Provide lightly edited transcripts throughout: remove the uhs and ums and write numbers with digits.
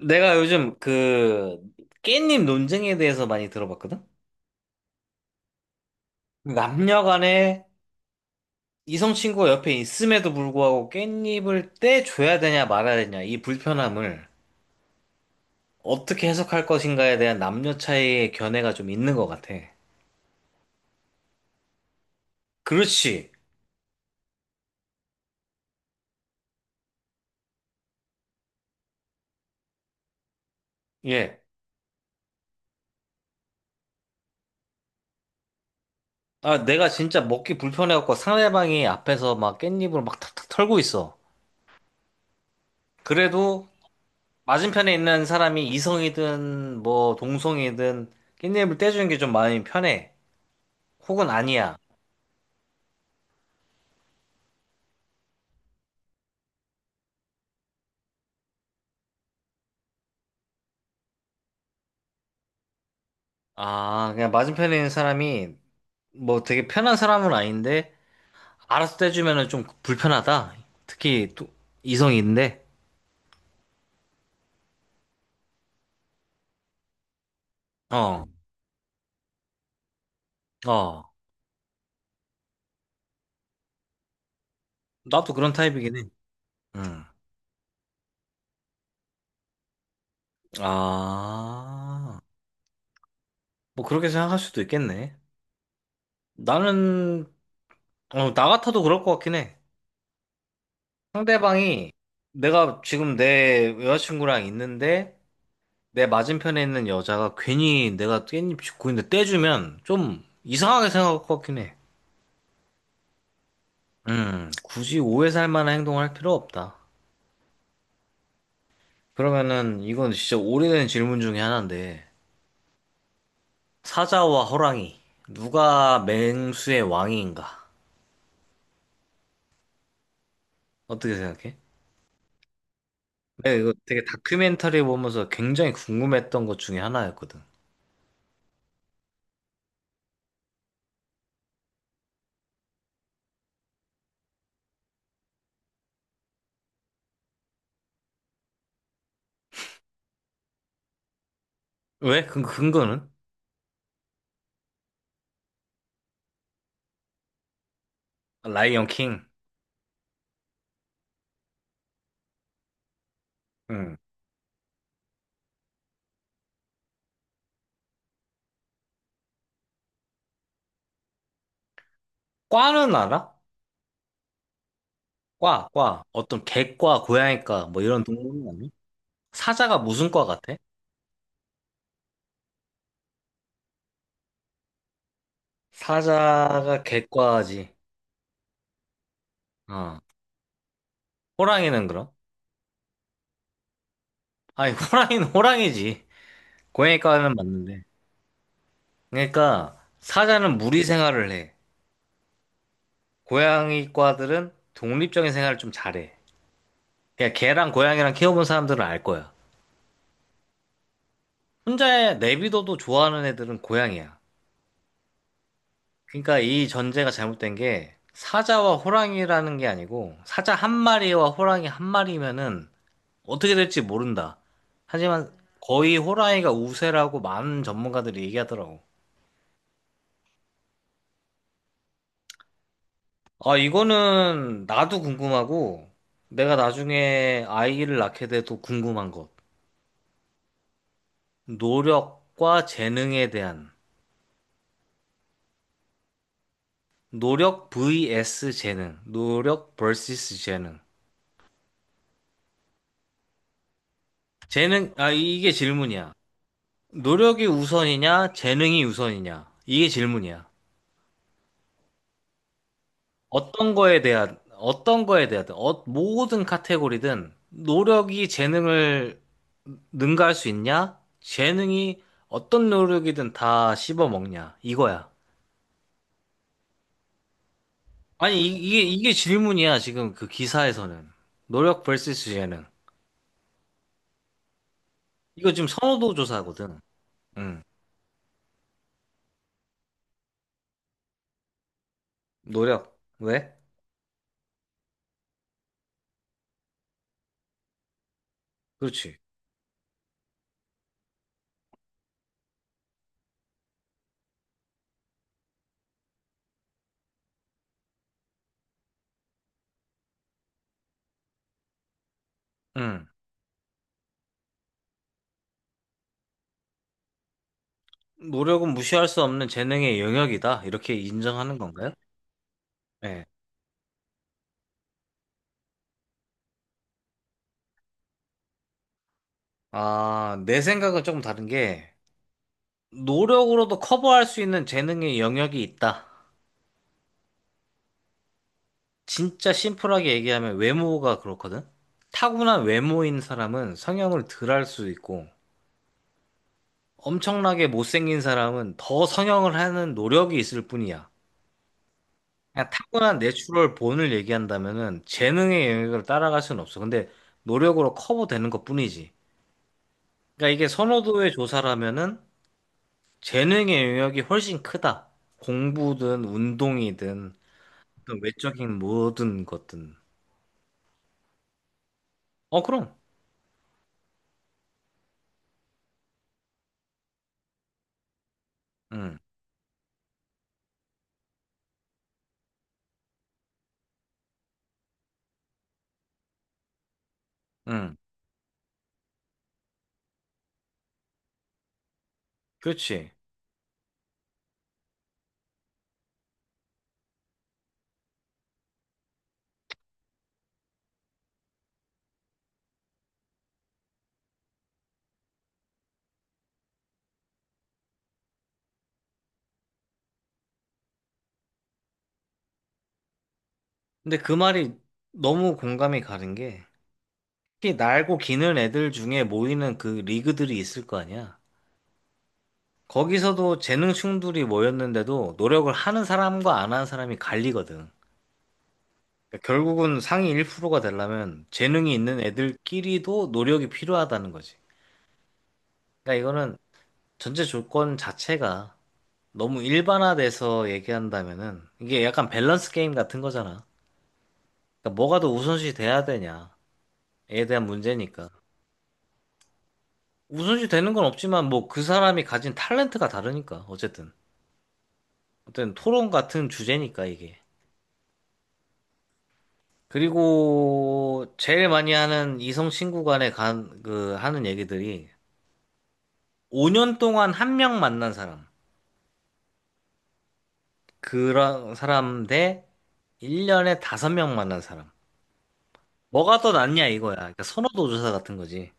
내가 요즘 그 깻잎 논쟁에 대해서 많이 들어봤거든? 남녀 간에 이성 친구가 옆에 있음에도 불구하고 깻잎을 떼줘야 되냐 말아야 되냐 이 불편함을 어떻게 해석할 것인가에 대한 남녀 차이의 견해가 좀 있는 것 같아. 그렇지. 예. 아, 내가 진짜 먹기 불편해갖고 상대방이 앞에서 막 깻잎을 막 탁탁 털고 있어. 그래도 맞은편에 있는 사람이 이성이든 뭐 동성이든 깻잎을 떼주는 게 좀 마음이 편해. 혹은 아니야. 아, 그냥 맞은편에 있는 사람이 뭐 되게 편한 사람은 아닌데, 알아서 떼주면은 좀 불편하다. 특히 또 이성인데, 어, 어. 나도 그런 타입이긴 해. 응. 아, 뭐 그렇게 생각할 수도 있겠네. 나는, 어, 나 같아도 그럴 것 같긴 해. 상대방이 내가 지금 내 여자친구랑 있는데, 내 맞은편에 있는 여자가 괜히 내가 깻잎 짚고 있는데 떼주면 좀 이상하게 생각할 것 같긴 해. 굳이 오해 살 만한 행동을 할 필요 없다. 그러면은 이건 진짜 오래된 질문 중에 하나인데 사자와 호랑이 누가 맹수의 왕인가? 어떻게 생각해? 내가 이거 되게 다큐멘터리 보면서 굉장히 궁금했던 것 중에 하나였거든. 왜? 근 근거는? 라이언 킹. 응. 과는 알아? 과, 과. 어떤 개과, 고양이과 뭐 이런 동물은 아니? 사자가 무슨 과 같아? 사자가 개과지. 어. 호랑이는 그럼? 아니, 호랑이는 호랑이지. 고양이과는 맞는데. 그러니까, 사자는 무리 생활을 해. 고양이과들은 독립적인 생활을 좀 잘해. 그냥 개랑 고양이랑 키워본 사람들은 알 거야. 혼자 내비둬도 좋아하는 애들은 고양이야. 그러니까 이 전제가 잘못된 게, 사자와 호랑이라는 게 아니고, 사자 한 마리와 호랑이 한 마리면은 어떻게 될지 모른다. 하지만 거의 호랑이가 우세라고 많은 전문가들이 얘기하더라고. 아, 이거는 나도 궁금하고, 내가 나중에 아이를 낳게 돼도 궁금한 것. 노력과 재능에 대한. 노력 vs 재능. 노력 vs 재능. 재능, 아, 이게 질문이야. 노력이 우선이냐, 재능이 우선이냐. 이게 질문이야. 어떤 거에 대한, 어떤 거에 대한, 어, 모든 카테고리든 노력이 재능을 능가할 수 있냐? 재능이 어떤 노력이든 다 씹어먹냐. 이거야. 아니, 이게 질문이야, 지금 그 기사에서는. 노력 vs 재능. 이거 지금 선호도 조사거든. 응. 노력. 왜? 그렇지. 응. 노력은 무시할 수 없는 재능의 영역이다. 이렇게 인정하는 건가요? 네. 아, 내 생각은 조금 다른 게, 노력으로도 커버할 수 있는 재능의 영역이 있다. 진짜 심플하게 얘기하면 외모가 그렇거든? 타고난 외모인 사람은 성형을 덜 할 수 있고, 엄청나게 못생긴 사람은 더 성형을 하는 노력이 있을 뿐이야. 그냥 타고난 내추럴 본을 얘기한다면은 재능의 영역을 따라갈 수는 없어. 근데 노력으로 커버되는 것뿐이지. 그러니까 이게 선호도의 조사라면은 재능의 영역이 훨씬 크다. 공부든 운동이든 어떤 외적인 모든 것든. 어, 그럼. 응, 응. 그렇지. 근데 그 말이 너무 공감이 가는 게 특히 날고 기는 애들 중에 모이는 그 리그들이 있을 거 아니야. 거기서도 재능충들이 모였는데도 노력을 하는 사람과 안 하는 사람이 갈리거든. 그러니까 결국은 상위 1%가 되려면 재능이 있는 애들끼리도 노력이 필요하다는 거지. 그러니까 이거는 전체 조건 자체가 너무 일반화돼서 얘기한다면은 이게 약간 밸런스 게임 같은 거잖아. 그러니까 뭐가 더 우선시 돼야 되냐에 대한 문제니까. 우선시 되는 건 없지만 뭐 그 사람이 가진 탤런트가 다르니까 어쨌든. 어쨌든 토론 같은 주제니까 이게. 그리고 제일 많이 하는 이성 친구 간에 하는 얘기들이 5년 동안 한 명 만난 사람. 그런 사람 대 1년에 다섯 명 만난 사람. 뭐가 더 낫냐 이거야. 그러니까 선호도 조사 같은 거지.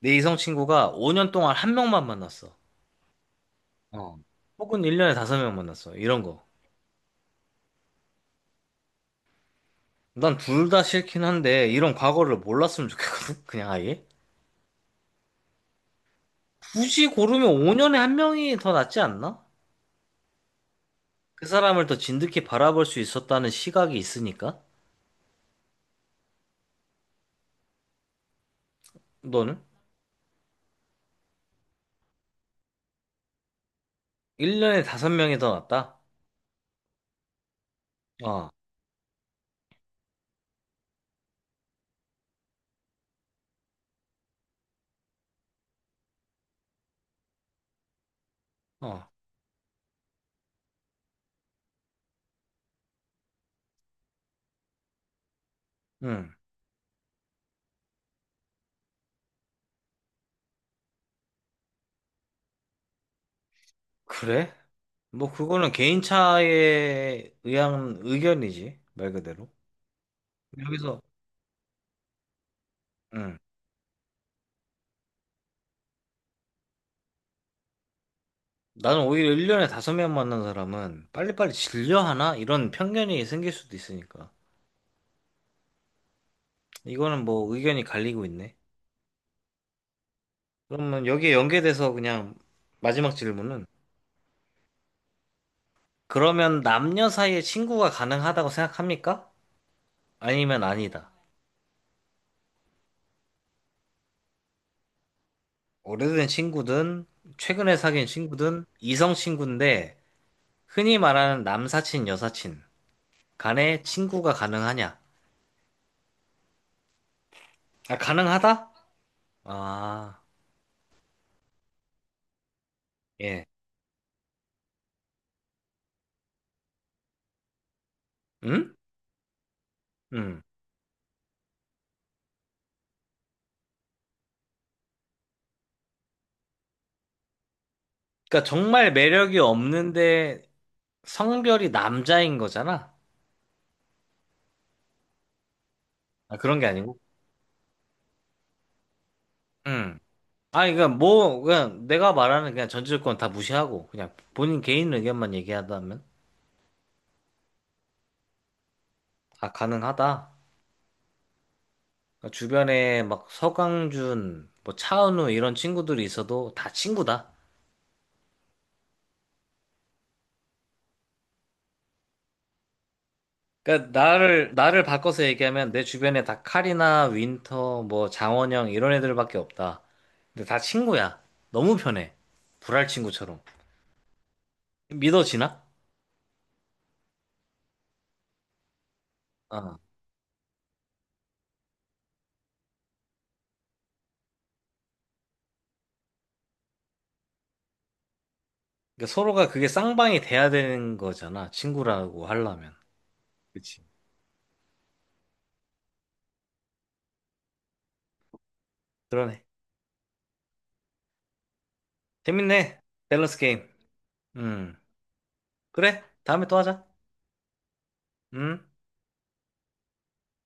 내 이성 친구가 5년 동안 한 명만 만났어. 어. 혹은 1년에 다섯 명 만났어. 이런 거. 난 둘 다 싫긴 한데 이런 과거를 몰랐으면 좋겠거든. 그냥 아예. 굳이 고르면 5년에 한 명이 더 낫지 않나? 그 사람을 더 진득히 바라볼 수 있었다는 시각이 있으니까? 너는? 1년에 5명이 더 낫다? 어, 어, 응. 그래? 뭐, 그거는 개인 차에 의한 의견이지, 말 그대로. 여기서, 응. 나는 오히려 1년에 5명 만난 사람은 빨리빨리 질려하나? 이런 편견이 생길 수도 있으니까. 이거는 뭐 의견이 갈리고 있네. 그러면 여기에 연계돼서 그냥 마지막 질문은, 그러면 남녀 사이에 친구가 가능하다고 생각합니까? 아니면 아니다. 오래된 친구든, 최근에 사귄 친구든, 이성 친구인데, 흔히 말하는 남사친, 여사친 간에 친구가 가능하냐? 아, 가능하다? 아, 예. 응? 응. 그러니까 정말 매력이 없는데 성별이 남자인 거잖아? 아, 그런 게 아니고? 응. 아니, 그러니까 뭐, 그냥 내가 말하는 그냥 전제조건 다 무시하고, 그냥 본인 개인 의견만 얘기하다면? 아, 가능하다. 그러니까 주변에 막 서강준, 뭐 차은우 이런 친구들이 있어도 다 친구다. 그러니까 나를 바꿔서 얘기하면 내 주변에 다 카리나, 윈터, 뭐 장원영 이런 애들밖에 없다. 근데 다 친구야. 너무 편해. 불알 친구처럼. 믿어지나? 어. 그러니까 서로가 그게 쌍방이 돼야 되는 거잖아. 친구라고 하려면. 그치. 그러네. 재밌네. 밸런스 게임. 음. 그래. 다음에 또 하자. 음.